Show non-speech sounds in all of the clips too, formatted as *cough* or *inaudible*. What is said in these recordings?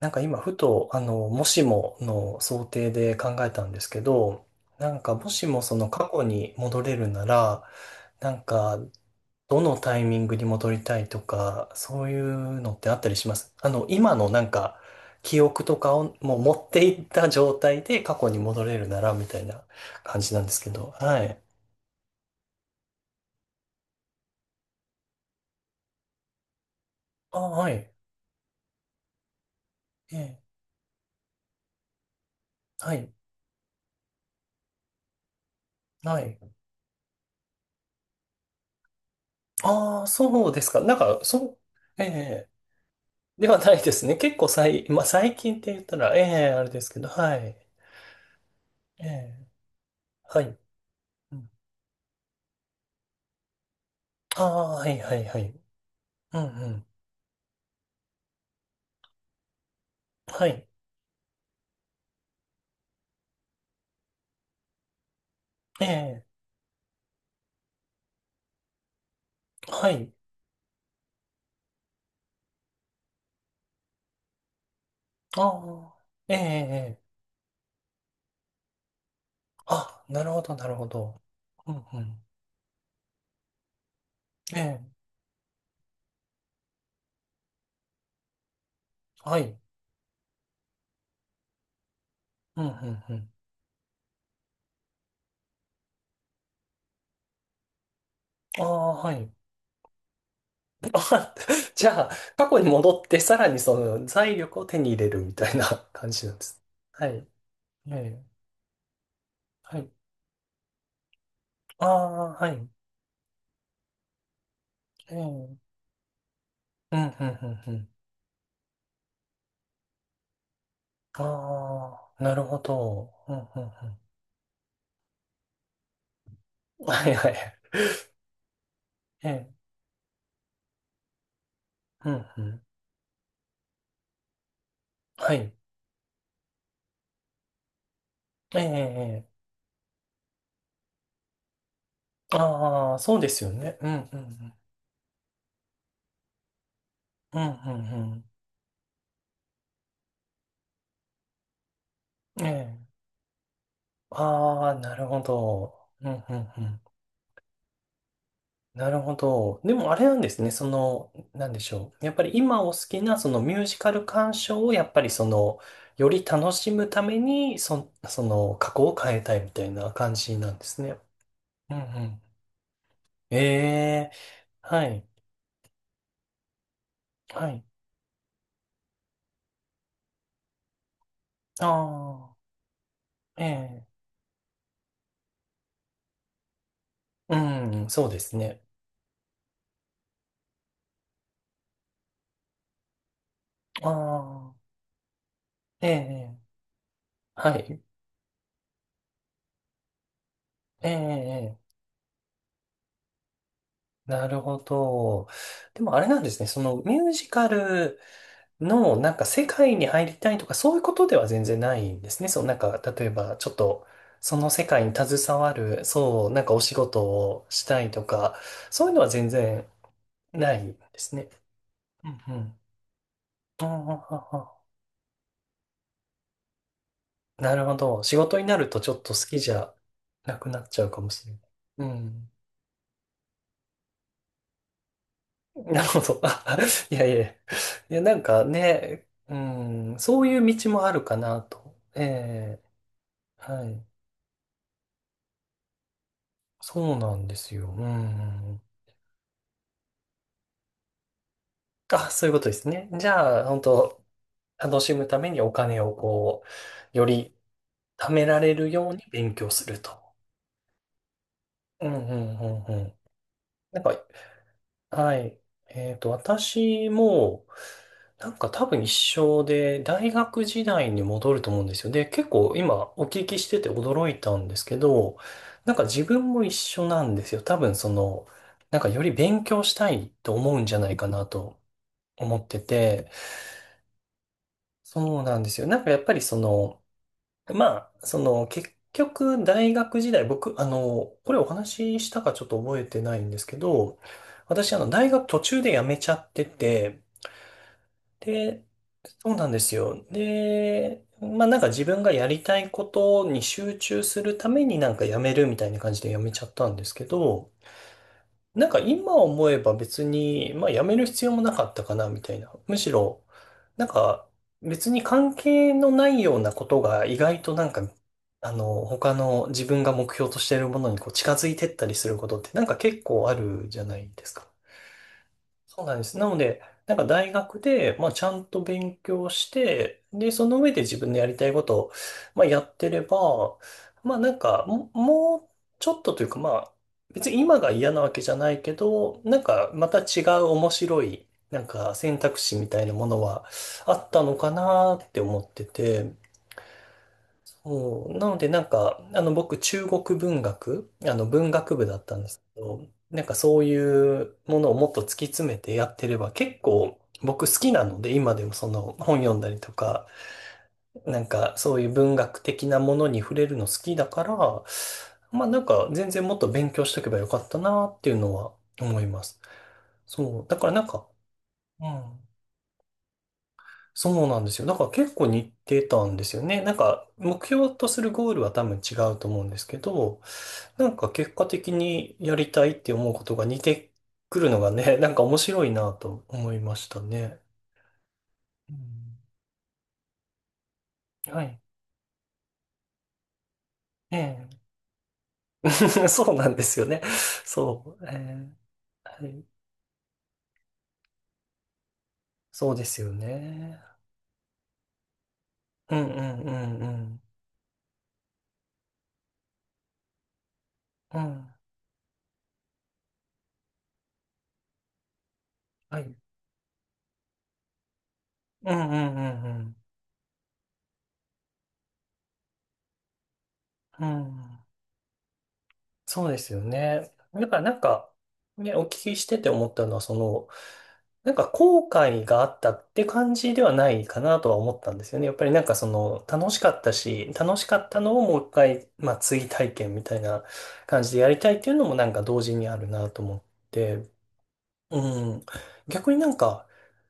なんか今ふと、もしもの想定で考えたんですけど、なんかもしもその過去に戻れるなら、なんかどのタイミングに戻りたいとか、そういうのってあったりします？今のなんか記憶とかをもう持っていった状態で過去に戻れるならみたいな感じなんですけど、はい。あ、はい。ええ、はい。はい。ああ、そうですか。なんか、そう、ええではないですね。結構まあ、最近って言ったら、ええあれですけど、はい。ええはい。ああ、はいはいはい。うんうん。はい。ええはい。ああ、ええええあ、なるほど、なるほど。うんうん。ええはい。うんうんうん。ああ、はい。*laughs* あじゃあ、過去に戻って、さらにその財力を手に入れるみたいな感じなんです。はい。ええはい。ああ、はい。ええうんうんうんうん。ああ、なるほど。うん、うん、うん。はいはい。ええ、うん、うん。はい。ええ、ええ。ああ、そうですよね。うん、うん、うん。うん、うん、うん。ええ。ああ、なるほど。うん、うん、うん。なるほど。でもあれなんですね。その、なんでしょう。やっぱり今お好きなそのミュージカル鑑賞をやっぱりその、より楽しむために、その過去を変えたいみたいな感じなんですね。うん、うん。ええ、はい。はい。ああ、ええ、うん、そうですね。ああ、ええ、はい、ええ、なるほど。でもあれなんですね、そのミュージカルのなんか世界に入りたいとかそういうことでは全然ないんですね。そう、なんか例えばちょっとその世界に携わる、そう、なんかお仕事をしたいとか、そういうのは全然ないんですね。うんうん。ああ、なるほど。仕事になるとちょっと好きじゃなくなっちゃうかもしれない。うん。なるほど。*laughs* あいやいや。いや、なんかね、うん、そういう道もあるかなと。ええ、はい。そうなんですよ。うん。あ、そういうことですね。じゃあ、本当楽しむためにお金をこう、より貯められるように勉強すると。うんうんうんうん。なんかはい。私も、なんか多分一緒で、大学時代に戻ると思うんですよ。で、結構今お聞きしてて驚いたんですけど、なんか自分も一緒なんですよ。多分その、なんかより勉強したいと思うんじゃないかなと思ってて、そうなんですよ。なんかやっぱりその、まあ、その結局大学時代、僕、これお話ししたかちょっと覚えてないんですけど、私、大学途中で辞めちゃってて、で、そうなんですよ。で、まあなんか自分がやりたいことに集中するためになんか辞めるみたいな感じで辞めちゃったんですけど、なんか今思えば別に、まあ辞める必要もなかったかなみたいな。むしろ、なんか別に関係のないようなことが意外となんか、他の自分が目標としているものにこう近づいてったりすることってなんか結構あるじゃないですか。そうなんです。なので、なんか大学で、まあ、ちゃんと勉強して、で、その上で自分のやりたいことを、まあ、やってれば、まあ、なんか、もうちょっとというか、まあ、別に今が嫌なわけじゃないけど、なんか、また違う面白い、なんか選択肢みたいなものはあったのかなって思ってて、そう、なのでなんか、あの僕中国文学、あの文学部だったんですけど、なんかそういうものをもっと突き詰めてやってれば結構僕好きなので今でもその本読んだりとか、なんかそういう文学的なものに触れるの好きだから、まあなんか全然もっと勉強しとけばよかったなっていうのは思います。そう、だからなんか、うん。そうなんですよ。だから結構似てたんですよね。なんか目標とするゴールは多分違うと思うんですけど、なんか結果的にやりたいって思うことが似てくるのがね、*laughs* なんか面白いなと思いましたね。うん、はい。ええ。*laughs* そうなんですよね。そう。ええ。はい。そうですよね。うんうんうんうん。うん。はい。うんうんうんうん。うん。そうですよね。だからなんか、ね、お聞きしてて思ったのは、その、なんか後悔があったって感じではないかなとは思ったんですよね。やっぱりなんかその、楽しかったし、楽しかったのをもう一回、まあ追体験みたいな感じでやりたいっていうのもなんか同時にあるなと思って、うん。逆になんか、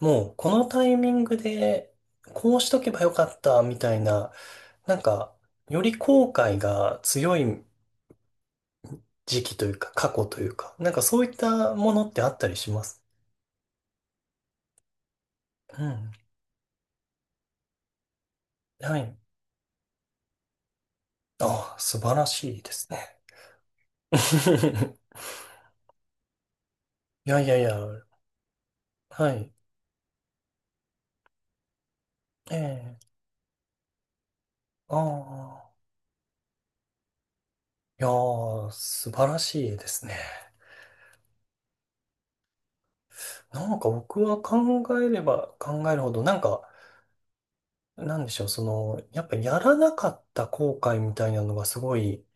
もうこのタイミングで、こうしとけばよかったみたいな、なんか、より後悔が強い時期というか、過去というか、なんかそういったものってあったりします？うん。はい。ああ、素晴らしいですね。*laughs* いやいやいや、はい。ええ、ああ、いやー、素晴らしいですね。なんか僕は考えれば考えるほど、なんか、なんでしょう、その、やっぱやらなかった後悔みたいなのがすごい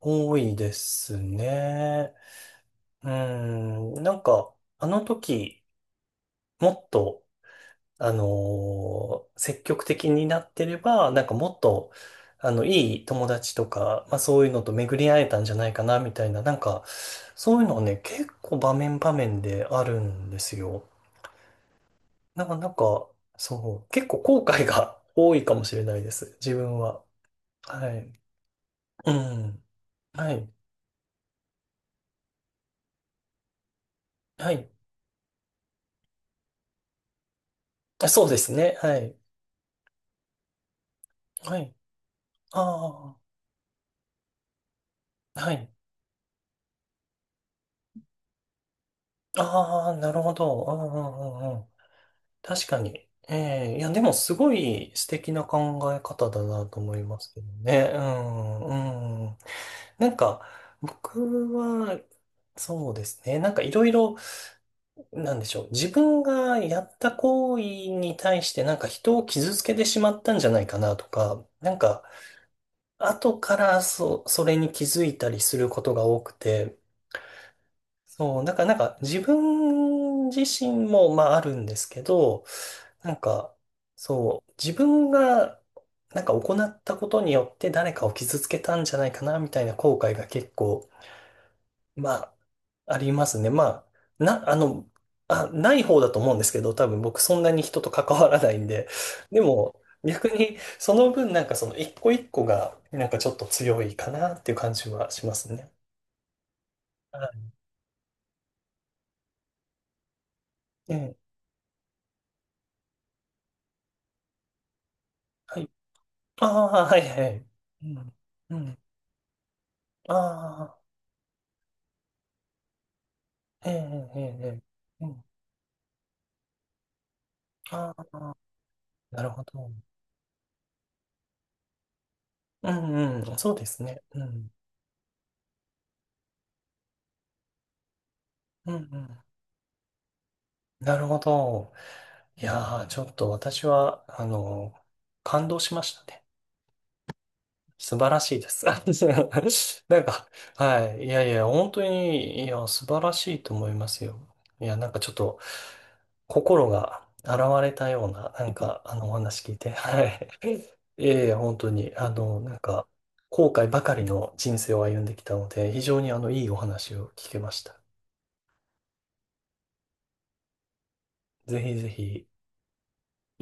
多いですね。うん、なんか、あの時、もっと、積極的になってれば、なんかもっと、いい友達とか、まあそういうのと巡り会えたんじゃないかな、みたいな、なんか、そういうのはね、結構場面場面であるんですよ。なんか、そう、結構後悔が *laughs* 多いかもしれないです、自分は。はい。うん。はい。はい。あそうですね。はい。はい。ああ。はい。ああ、なるほど。うんうんうんうん確かに。ええ、いや、でもすごい素敵な考え方だなと思いますけどね。うん、うん。なんか、僕は、そうですね。なんかいろいろ、なんでしょう。自分がやった行為に対してなんか人を傷つけてしまったんじゃないかなとか、なんか、後からそれに気づいたりすることが多くて、そう、なんか、なんか自分自身も、まああるんですけど、なんか、そう、自分が、なんか行ったことによって誰かを傷つけたんじゃないかな、みたいな後悔が結構、まあ、ありますね。まあ、な、あの、あ、ない方だと思うんですけど、多分僕そんなに人と関わらないんで。*laughs* でも、逆にその分なんかその一個一個が、なんかちょっと強いかなっていう感じはしますね。はい。ええ、はい。ああ、はい、はい。うん。うん。ああ、ええ、ええ、ええ。うん。ああ。なるほど。うんうん、そうですね。うん、うん、うん。なるほど。いやー、ちょっと私は、感動しましたね。素晴らしいです。*laughs* なんか、はい。いやいや、本当に、いや、素晴らしいと思いますよ。いや、なんかちょっと、心が洗われたような、なんか、お話聞いて、はい。いやいや、本当に、なんか、後悔ばかりの人生を歩んできたので、非常にあの、いいお話を聞けました。ぜひぜひ。